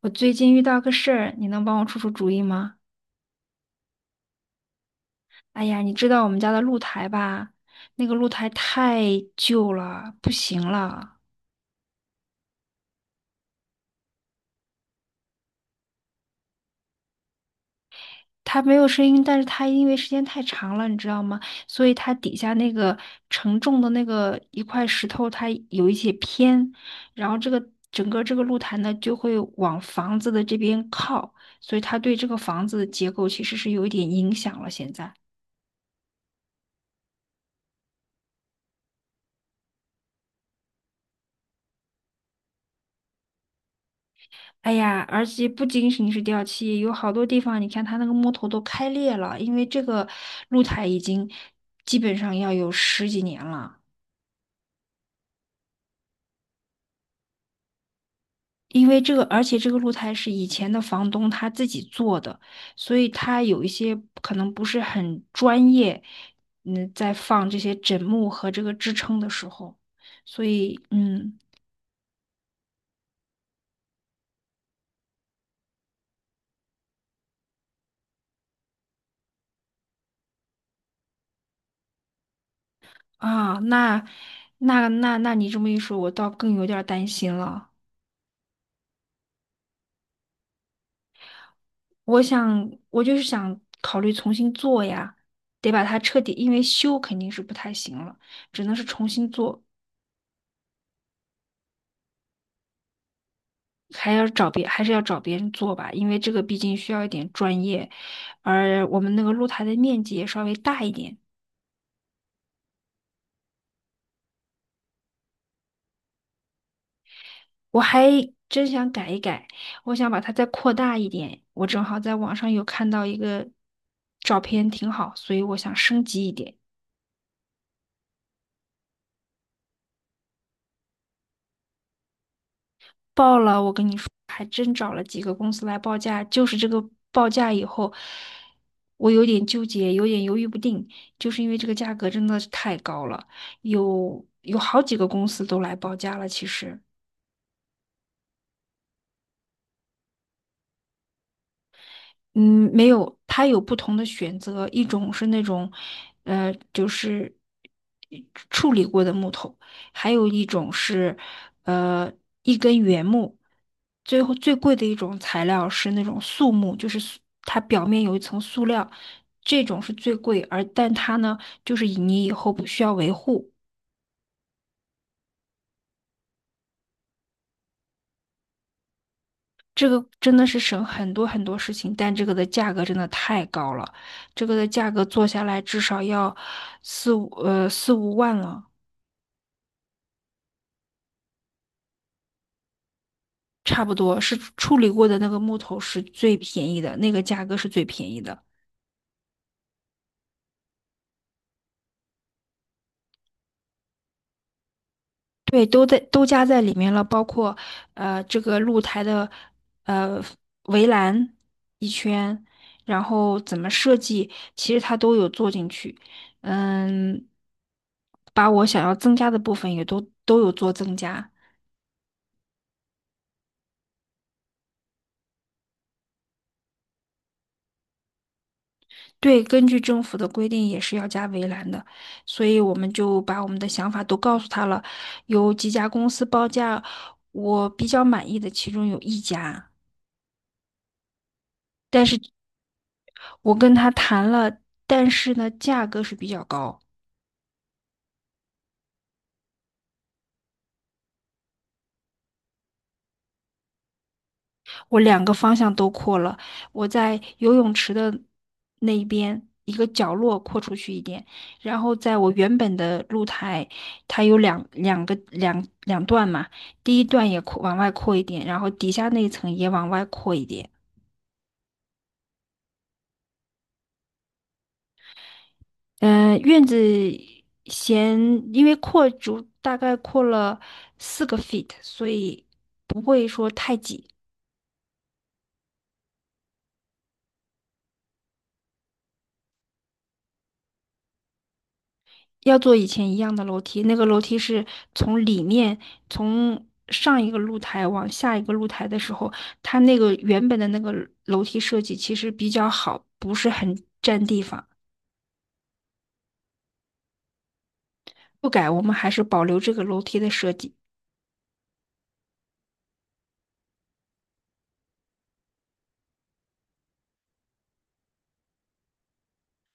我最近遇到个事儿，你能帮我出出主意吗？哎呀，你知道我们家的露台吧？那个露台太旧了，不行了。它没有声音，但是它因为时间太长了，你知道吗？所以它底下那个承重的那个一块石头，它有一些偏，然后这个整个这个露台呢就会往房子的这边靠，所以它对这个房子的结构其实是有一点影响了。现在。哎呀，而且不仅仅是掉漆，有好多地方，你看它那个木头都开裂了，因为这个露台已经基本上要有十几年了。因为这个，而且这个露台是以前的房东他自己做的，所以他有一些可能不是很专业，在放这些枕木和这个支撑的时候，所以啊，那你这么一说，我倒更有点儿担心了。我想，我就是想考虑重新做呀，得把它彻底，因为修肯定是不太行了，只能是重新做，还是要找别人做吧，因为这个毕竟需要一点专业，而我们那个露台的面积也稍微大一点，我还真想改一改，我想把它再扩大一点，我正好在网上有看到一个照片挺好，所以我想升级一点。报了，我跟你说，还真找了几个公司来报价，就是这个报价以后，我有点纠结，有点犹豫不定，就是因为这个价格真的是太高了，有好几个公司都来报价了，其实。嗯，没有，它有不同的选择，一种是那种，就是处理过的木头，还有一种是，呃，一根原木。最后最贵的一种材料是那种塑木，就是塑它表面有一层塑料，这种是最贵，而但它呢，就是你以后不需要维护。这个真的是省很多很多事情，但这个的价格真的太高了，这个的价格做下来至少要四五万了，差不多是处理过的那个木头是最便宜的，那个价格是最便宜的，对，都加在里面了，包括这个露台的呃围栏一圈，然后怎么设计，其实它都有做进去，嗯。把我想要增加的部分也都有做增加，对，根据政府的规定也是要加围栏的，所以我们就把我们的想法都告诉他了。有几家公司报价，我比较满意的其中有一家，但是我跟他谈了，但是呢，价格是比较高。我两个方向都扩了，我在游泳池的那一边一个角落扩出去一点，然后在我原本的露台，它有两个两段嘛，第一段也往外扩一点，然后底下那一层也往外扩一点。院子嫌因为大概扩了4个 feet，所以不会说太挤。要做以前一样的楼梯，那个楼梯是从里面从上一个露台往下一个露台的时候，它那个原本的那个楼梯设计其实比较好，不是很占地方。不改，我们还是保留这个楼梯的设计。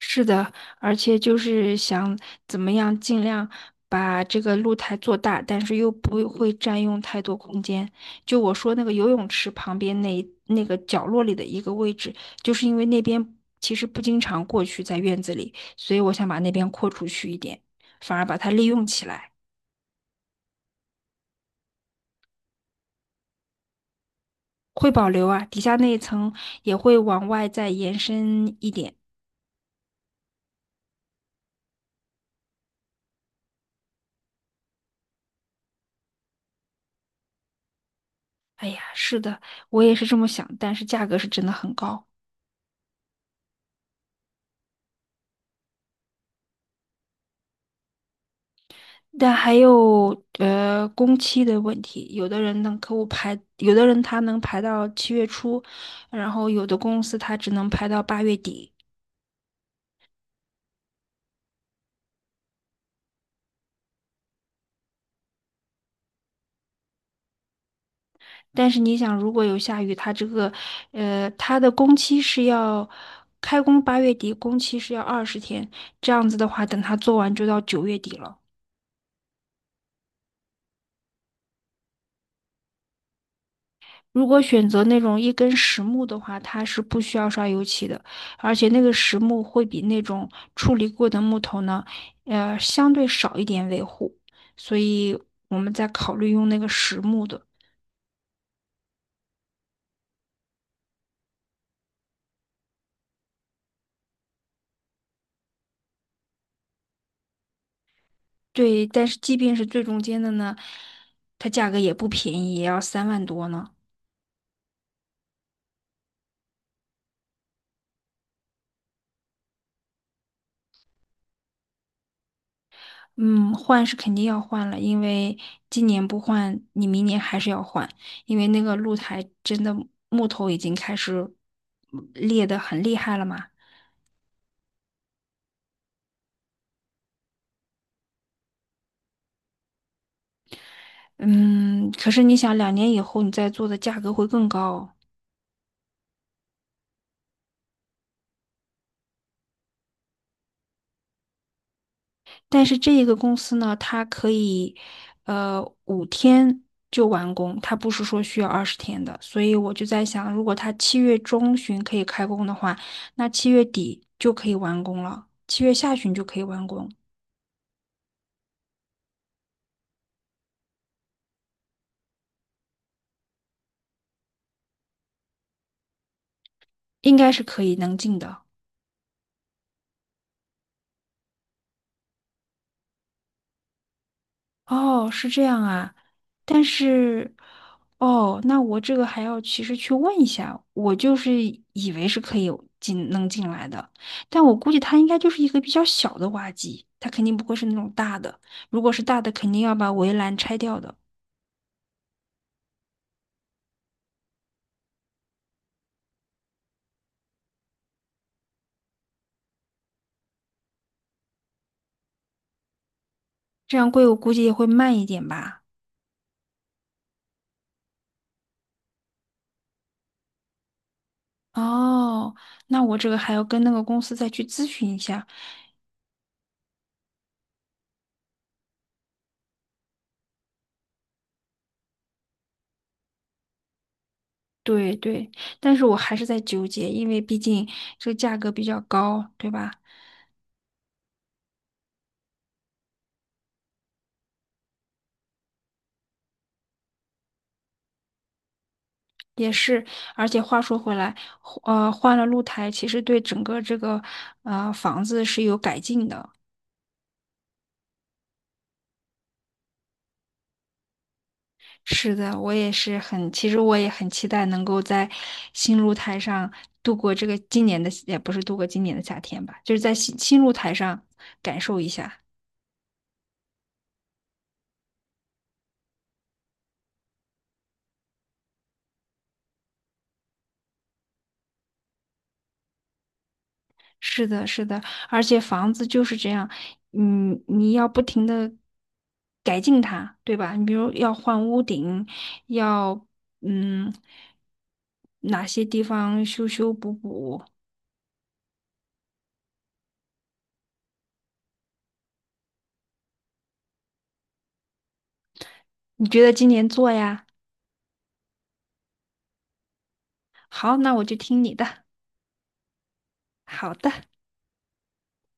是的，而且就是想怎么样尽量把这个露台做大，但是又不会占用太多空间。就我说那个游泳池旁边那个角落里的一个位置，就是因为那边其实不经常过去在院子里，所以我想把那边扩出去一点，反而把它利用起来，会保留啊，底下那一层也会往外再延伸一点。哎呀，是的，我也是这么想，但是价格是真的很高。但还有工期的问题，有的人能客户排，有的人他能排到七月初，然后有的公司他只能排到八月底。但是你想，如果有下雨，他这个他的工期是要开工八月底，工期是要二十天，这样子的话，等他做完就到九月底了。如果选择那种一根实木的话，它是不需要刷油漆的，而且那个实木会比那种处理过的木头呢，相对少一点维护，所以我们在考虑用那个实木的。对，但是即便是最中间的呢，它价格也不便宜，也要3万多呢。嗯，换是肯定要换了，因为今年不换，你明年还是要换，因为那个露台真的木头已经开始裂得很厉害了嘛。嗯，可是你想，2年以后你再做的价格会更高哦。但是这一个公司呢，它可以，5天就完工，它不是说需要二十天的。所以我就在想，如果它七月中旬可以开工的话，那七月底就可以完工了，七月下旬就可以完工，应该是能进的。哦，是这样啊，但是，哦，那我这个还要其实去问一下，我就是以为是可以进能进来的，但我估计它应该就是一个比较小的挖机，它肯定不会是那种大的，如果是大的，肯定要把围栏拆掉的，这样贵我估计也会慢一点吧。哦，那我这个还要跟那个公司再去咨询一下。对对，但是我还是在纠结，因为毕竟这个价格比较高，对吧？也是，而且话说回来，换了露台，其实对整个这个房子是有改进的。是的，我也是很，其实我也很期待能够在新露台上度过这个今年的，也不是度过今年的夏天吧，就是在新露台上感受一下。是的，是的，而且房子就是这样，你要不停的改进它，对吧？你比如要换屋顶，要嗯哪些地方修修补补，你觉得今年做呀？好，那我就听你的。好的。